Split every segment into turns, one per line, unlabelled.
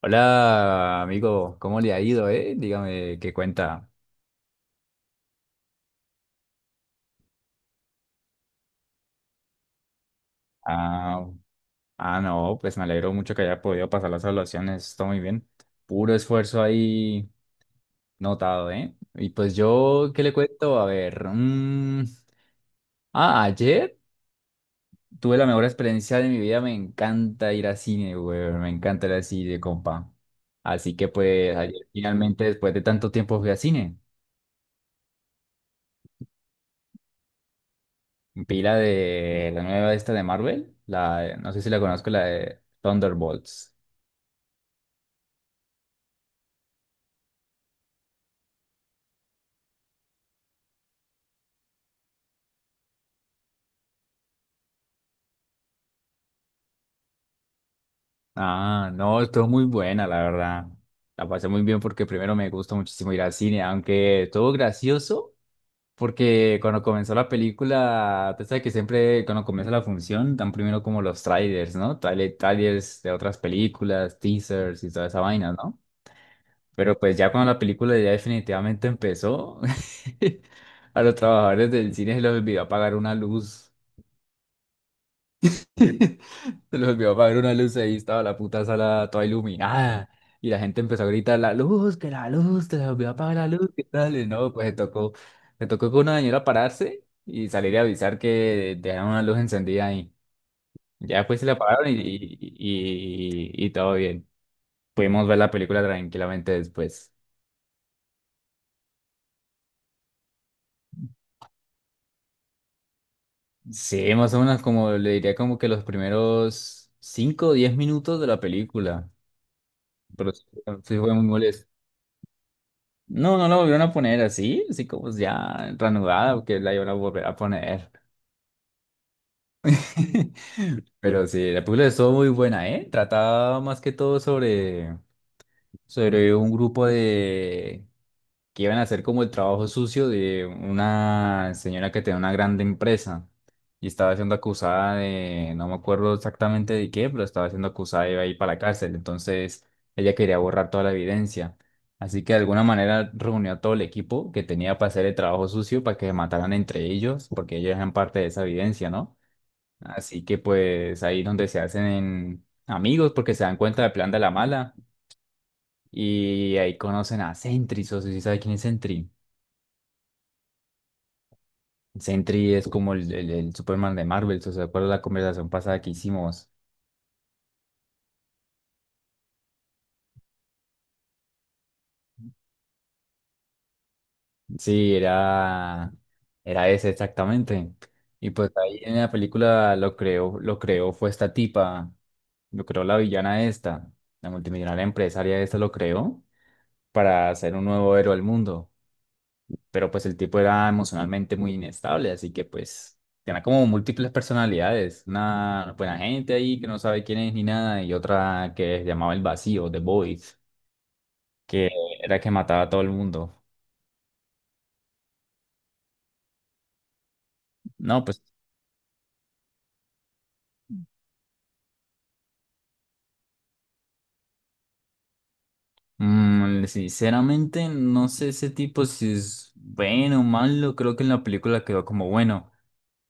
Hola, amigo, ¿cómo le ha ido, eh? Dígame qué cuenta. Ah, ah, no, pues me alegro mucho que haya podido pasar las evaluaciones, todo muy bien. Puro esfuerzo ahí notado, ¿eh? Y pues yo, ¿qué le cuento? A ver, ayer tuve la mejor experiencia de mi vida, me encanta ir al cine, güey, me encanta ir al cine, compa. Así que pues ayer finalmente, después de tanto tiempo, fui al cine. Pila de la nueva esta de Marvel, la, no sé si la conozco, la de Thunderbolts. Ah, no, estuvo muy buena, la verdad. La pasé muy bien porque primero me gusta muchísimo ir al cine, aunque estuvo gracioso porque cuando comenzó la película, tú sabes que siempre cuando comienza la función dan primero como los trailers, ¿no? Trailers de otras películas, teasers y toda esa vaina, ¿no? Pero pues ya cuando la película ya definitivamente empezó, a los trabajadores del cine se les olvidó apagar una luz. Se les olvidó apagar una luz, ahí estaba la puta sala toda iluminada. Y la gente empezó a gritar, la luz, que la luz, se les olvidó apagar la luz, ¿qué tal? Y no, pues le tocó con una señora pararse y salir a avisar que dejaron una luz encendida ahí. Ya pues se la apagaron y todo bien. Pudimos ver la película tranquilamente después. Sí, más o menos como le diría como que los primeros 5 o 10 minutos de la película, pero sí, sí fue muy molesto. No, no la volvieron a poner así, así como ya reanudada, porque la iban a volver a poner. Pero sí, la película estuvo muy buena, ¿eh? Trataba más que todo sobre, sobre un grupo de que iban a hacer como el trabajo sucio de una señora que tenía una grande empresa y estaba siendo acusada de, no me acuerdo exactamente de qué, pero estaba siendo acusada de ir para la cárcel. Entonces ella quería borrar toda la evidencia. Así que de alguna manera reunió a todo el equipo que tenía para hacer el trabajo sucio para que se mataran entre ellos, porque ellos eran parte de esa evidencia, ¿no? Así que pues ahí donde se hacen amigos porque se dan cuenta del plan de la mala y ahí conocen a Sentry, o si sabes quién es Sentry. Sentry es como el Superman de Marvel, ¿se acuerda la conversación pasada que hicimos? Sí, era ese exactamente. Y pues ahí en la película lo creó, fue esta tipa, lo creó la villana esta, la multimillonaria empresaria esta lo creó para hacer un nuevo héroe al mundo. Pero pues el tipo era emocionalmente muy inestable, así que pues tenía como múltiples personalidades. Una buena gente ahí que no sabe quién es ni nada, y otra que se llamaba el vacío, The Void, que era que mataba a todo el mundo. No, pues, mm, sinceramente, no sé ese tipo si es bueno o malo. Creo que en la película quedó como bueno,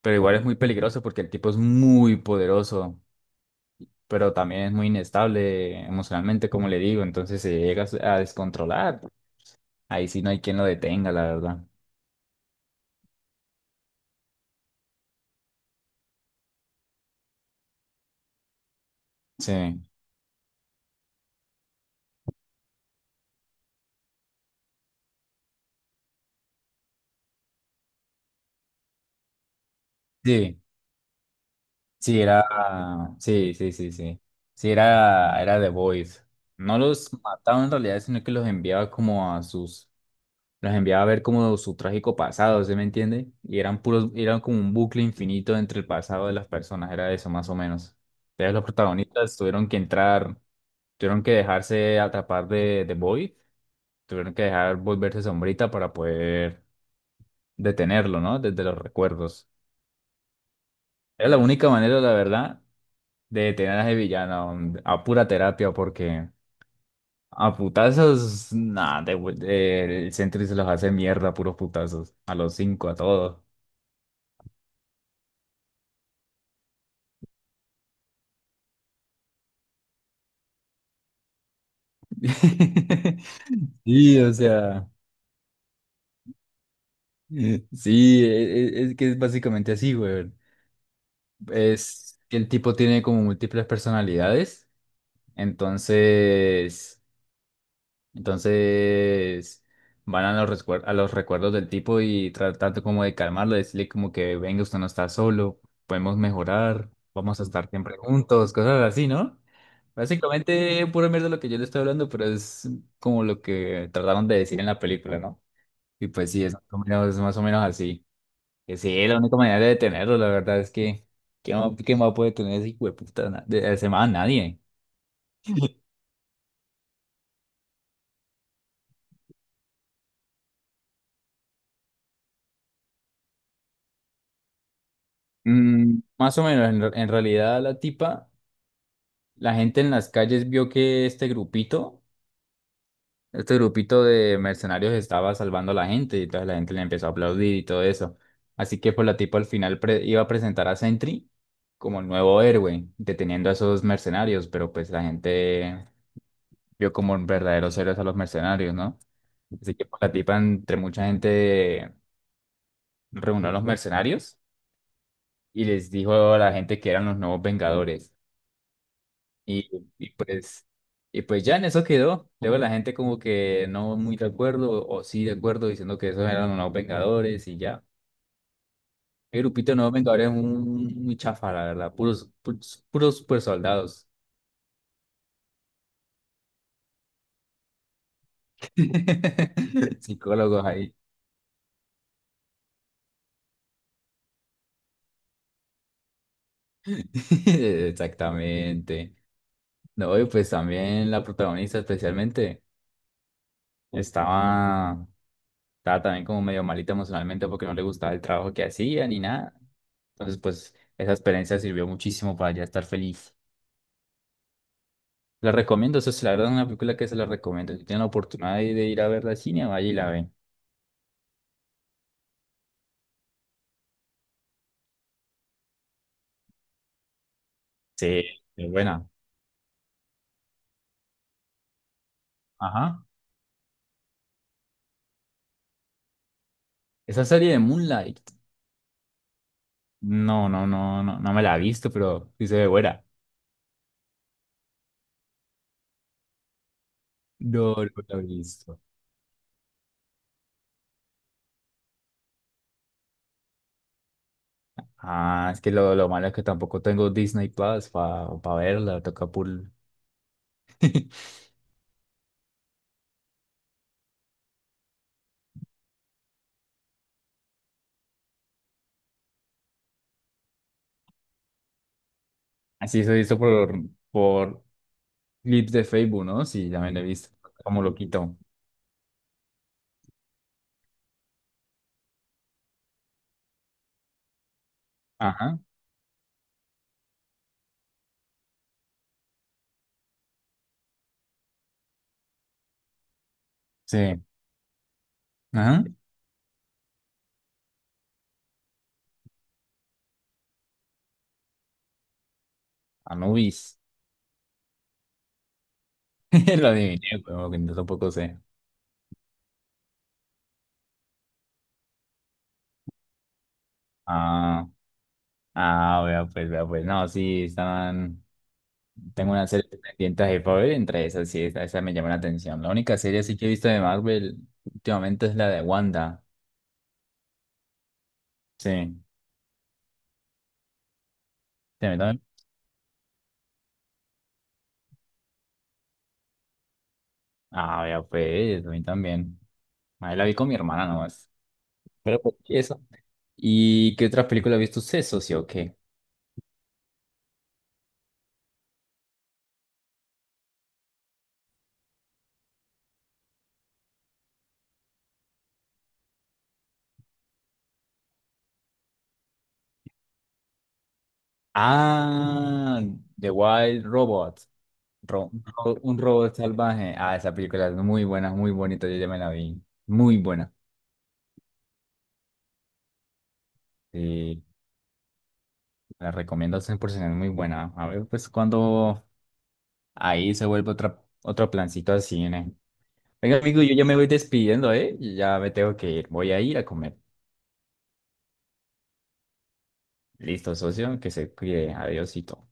pero igual es muy peligroso porque el tipo es muy poderoso, pero también es muy inestable emocionalmente, como le digo. Entonces se llega a descontrolar. Ahí sí no hay quien lo detenga, la verdad. Sí, sí, sí, era, sí, sí, sí, sí. Sí, era The Voice. No los mataba en realidad, sino que los enviaba como a sus, los enviaba a ver como su trágico pasado, ¿se me entiende? Y eran puros, eran como un bucle infinito entre el pasado de las personas, era eso más o menos. Entonces los protagonistas tuvieron que entrar, tuvieron que dejarse atrapar de Void, tuvieron que dejar volverse sombrita para poder detenerlo, ¿no? Desde los recuerdos. Era la única manera, la verdad, de detener a ese villano, a pura terapia porque a putazos, nada, el Sentry se los hace mierda, puros putazos, a los cinco, a todos. Sí, o sea, sí, es, que es básicamente así, güey. Es que el tipo tiene como múltiples personalidades, entonces, entonces van a los, a los recuerdos del tipo y tratando como de calmarlo, decirle como que venga, usted no está solo, podemos mejorar, vamos a estar siempre juntos, cosas así, ¿no? Básicamente, pura mierda lo que yo le estoy hablando, pero es como lo que trataron de decir en la película, ¿no? Y pues sí, es más o menos, es más o menos así. Que sí, es la única manera de detenerlo, la verdad es que quién va a poder tener ese hijo de puta, ese man? Nadie. Mm, más o menos, en realidad la tipa, la gente en las calles vio que este grupito, de mercenarios estaba salvando a la gente y entonces la gente le empezó a aplaudir y todo eso. Así que pues la tipa al final iba a presentar a Sentry como el nuevo héroe, deteniendo a esos mercenarios, pero pues la gente vio como verdaderos héroes a los mercenarios, ¿no? Así que pues, la tipa, entre mucha gente, reunió a los mercenarios y les dijo a la gente que eran los nuevos Vengadores. Y, y pues, y pues ya en eso quedó. Luego la gente como que no muy de acuerdo o sí de acuerdo diciendo que esos eran los nuevos Vengadores y ya. El grupito de nuevos Vengadores es muy chafa, la verdad. Puros, puros, puros super soldados. Psicólogos ahí. Exactamente. No, y pues también la protagonista especialmente estaba, estaba también como medio malita emocionalmente porque no le gustaba el trabajo que hacía ni nada. Entonces, pues esa experiencia sirvió muchísimo para ya estar feliz. La recomiendo, eso es la verdad, es una película que se la recomiendo. Si tienen la oportunidad de ir a verla al cine, vaya y la ven. Sí, es buena. Ajá. Esa serie de Moonlight. No, no, no, no, no me la he visto, pero sí se ve buena. No, no me la he visto. Ah, es que lo malo es que tampoco tengo Disney Plus para verla, toca por... Así se hizo por clips de Facebook, ¿no? Sí, ya me lo he visto, como lo quito. Ajá, sí, ajá, Anubis, lo adiviné, pero que no tampoco sé. Ah, ah, vea pues, no, sí, estaban... Tengo una serie pendiente de Marvel, entre esas sí, esa me llama la atención. La única serie sí que he visto de Marvel últimamente es la de Wanda, sí. Sí, a mí también. Ah, ya pues, a mí también. Ahí la vi con mi hermana nomás. Pero pues, ¿y eso? ¿Y qué otra película ha visto usted, socio? ¿O qué? Ah, The Wild Robot. Ro- un robot salvaje. Ah, esa película es muy buena, muy bonita. Yo ya me la vi. Muy buena. Sí, la recomiendo al 100%, es muy buena. A ver, pues cuando ahí se vuelve otra, otro plancito al cine. Venga, amigo, yo ya me voy despidiendo, ¿eh? Ya me tengo que ir. Voy a ir a comer. Listo, socio, que se cuide. Adiósito.